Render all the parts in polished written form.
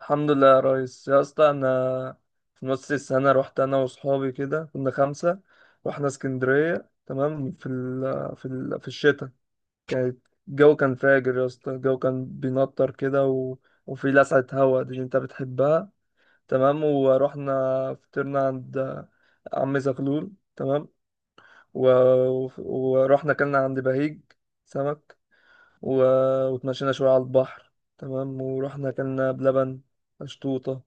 الحمد لله يا ريس يا اسطى، انا في نص السنه رحت انا واصحابي كده، كنا خمسه. رحنا اسكندريه، تمام، في الشتاء. كانت الجو كان فاجر يا اسطى، الجو كان بينطر كده وفي لسعه هوا دي اللي انت بتحبها. تمام. ورحنا فطرنا عند عم زغلول، تمام. ورحنا كلنا عند بهيج سمك. و... وتمشينا شويه على البحر. تمام. ورحنا كلنا بلبن مشطوطه.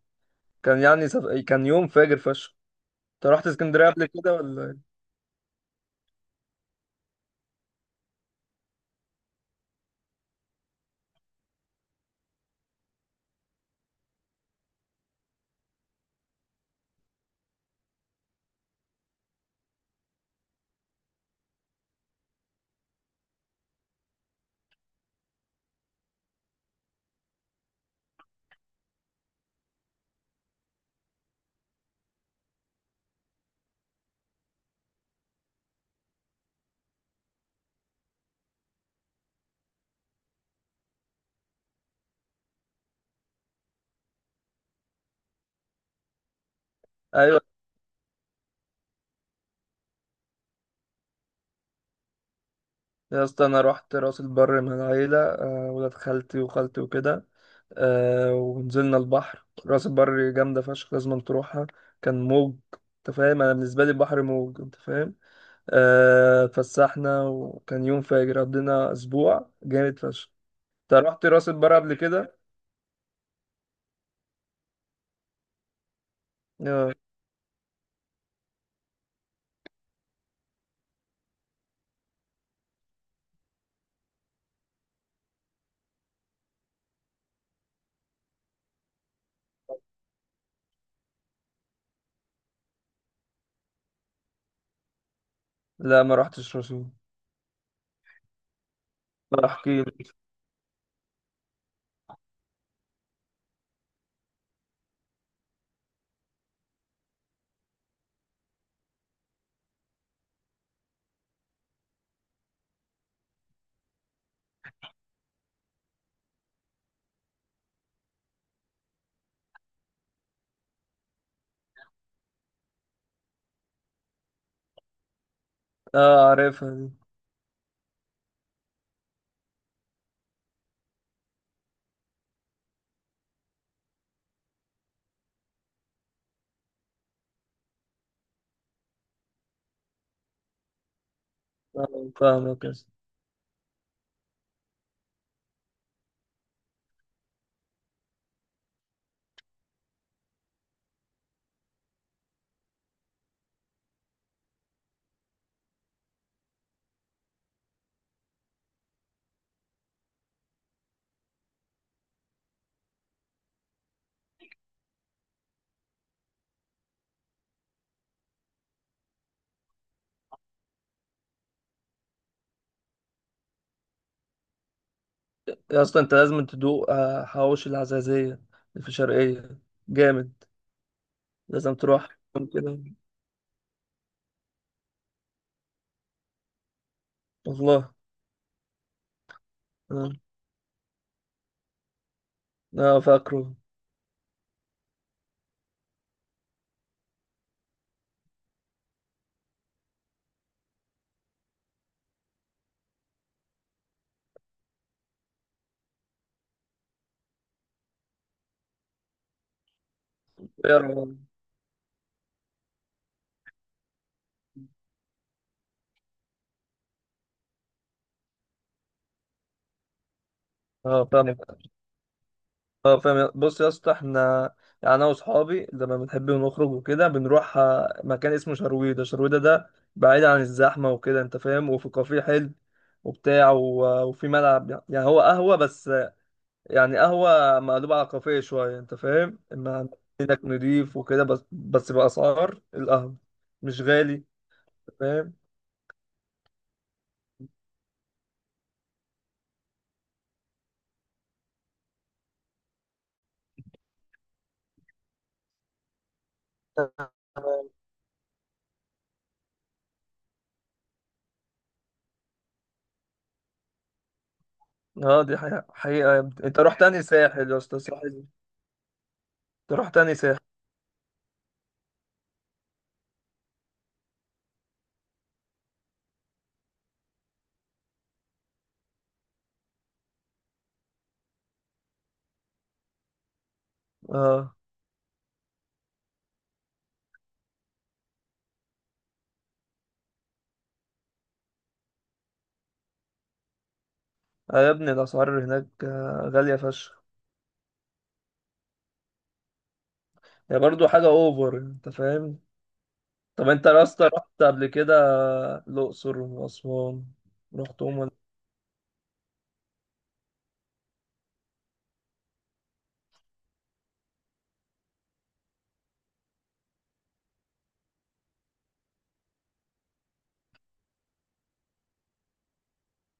كان كان يوم فاجر فشخ. انت رحت اسكندريه قبل كده ولا إيه؟ ايوه. يا اسطى انا رحت راس البر من العيله، ولاد خالتي وخالتي وكده. ونزلنا البحر، راس البر جامده فشخ، لازم تروحها. كان موج، انت فاهم، انا بالنسبه لي البحر موج، انت فاهم. اتفسحنا وكان يوم فاجر، قضينا اسبوع جامد فشخ. انت رحت راس البر قبل كده؟ آه، لا ما رحتش راس البر. احكي لي. اه عارفها دي. آه، فاهمك. يا اسطى انت لازم تدوق حواوشي العزازية اللي في شرقية، جامد. لازم تروح يوم كده. والله. اه. آه، فاكره. يا رب. اه فاهم. اه فاهم. بص يا اسطى، احنا يعني انا واصحابي لما بنحب نخرج وكده بنروح مكان اسمه شرويدة. شرويدة ده بعيد عن الزحمة وكده، انت فاهم. وفي كافيه حلو وبتاع وفي ملعب. يعني هو قهوة بس، يعني قهوة مقلوبة على كافيه شوية، أنت فاهم؟ إما إنك نضيف وكده، بس بأسعار القهوة، مش غالي، أنت فاهم؟ اه دي حقيقة, حقيقة يا ابني. أنت رحت تاني ساحل يا أسطى، ساحل أنت رحت تاني ساحل؟ اه. آه يا ابني، الأسعار هناك غالية فشخ. هي برضو حاجة أوفر، أنت فاهم؟ طب أنت يا اسطى رحت قبل كده الأقصر وأسوان، رحتهم ولا؟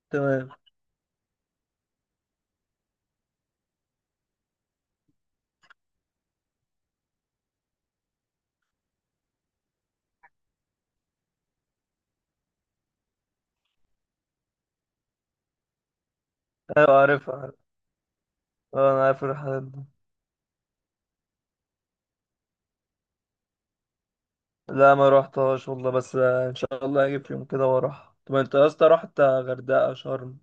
تمام. أيوة عارفها، عارف. اه أنا عارف الرحلات دي. لا ما روحتهاش والله، بس ان شاء الله هجيب في يوم كده واروح. طب انت يا اسطى رحت غردقه شرم؟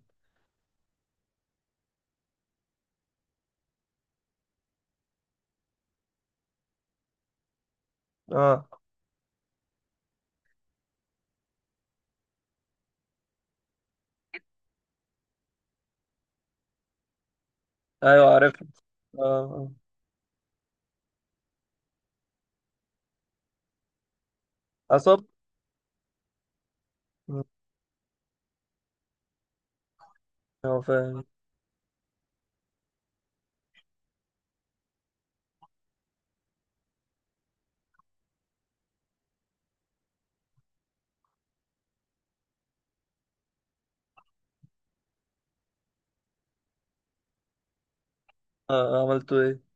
اه. ايوه عرفت. اه. آه. اصب. مم. اه فاهم. آه عملتوا ايه؟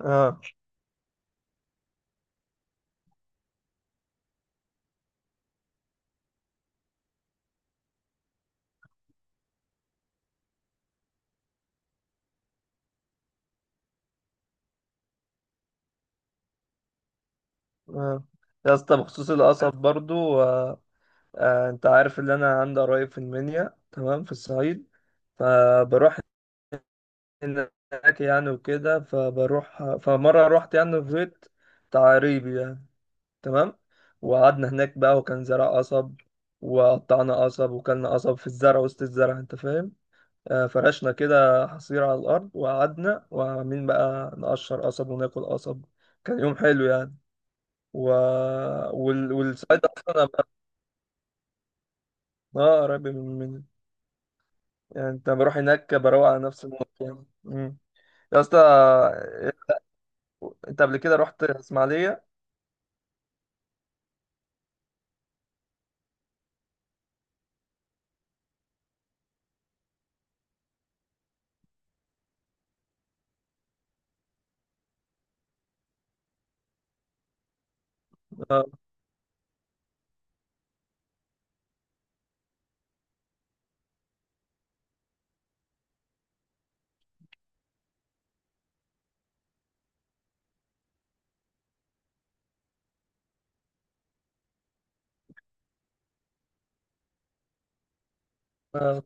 اه. اه. يا اسطى بخصوص القصب برضو انت عارف ان انا عندي قرايب في المنيا، تمام، في الصعيد. فبروح هناك يعني وكده. فبروح، فمره رحت يعني في بيت تعريبي، تمام. وقعدنا هناك بقى وكان زرع قصب، وقطعنا قصب وكلنا قصب في الزرع وسط الزرع، انت فاهم. فرشنا كده حصير على الارض، وقعدنا وعاملين بقى نقشر قصب وناكل قصب. كان يوم حلو يعني. و... والصيد اصلا انا اه قريب من يعني. انت بروح هناك بروق على نفسي موت يعني. مم. يا اسطى انت قبل كده رحت اسماعيليه؟ اه.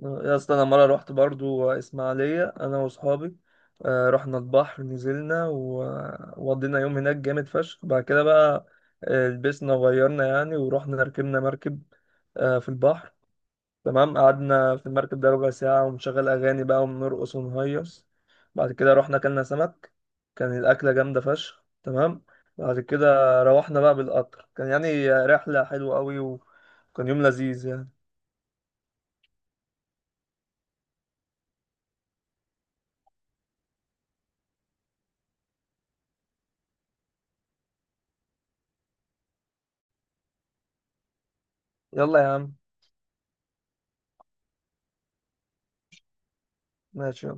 يا اسطى انا مره رحت برضو اسماعيليه انا واصحابي. رحنا البحر، نزلنا وقضينا يوم هناك جامد فشخ. بعد كده بقى لبسنا وغيرنا يعني، ورحنا ركبنا مركب في البحر، تمام. قعدنا في المركب ده ربع ساعه، ونشغل اغاني بقى ونرقص ونهيص. بعد كده رحنا اكلنا سمك، كان الاكله جامده فشخ، تمام. بعد كده روحنا بقى بالقطر. كان يعني رحله حلوه قوي، وكان يوم لذيذ يعني. يلا يا عم. ماشي.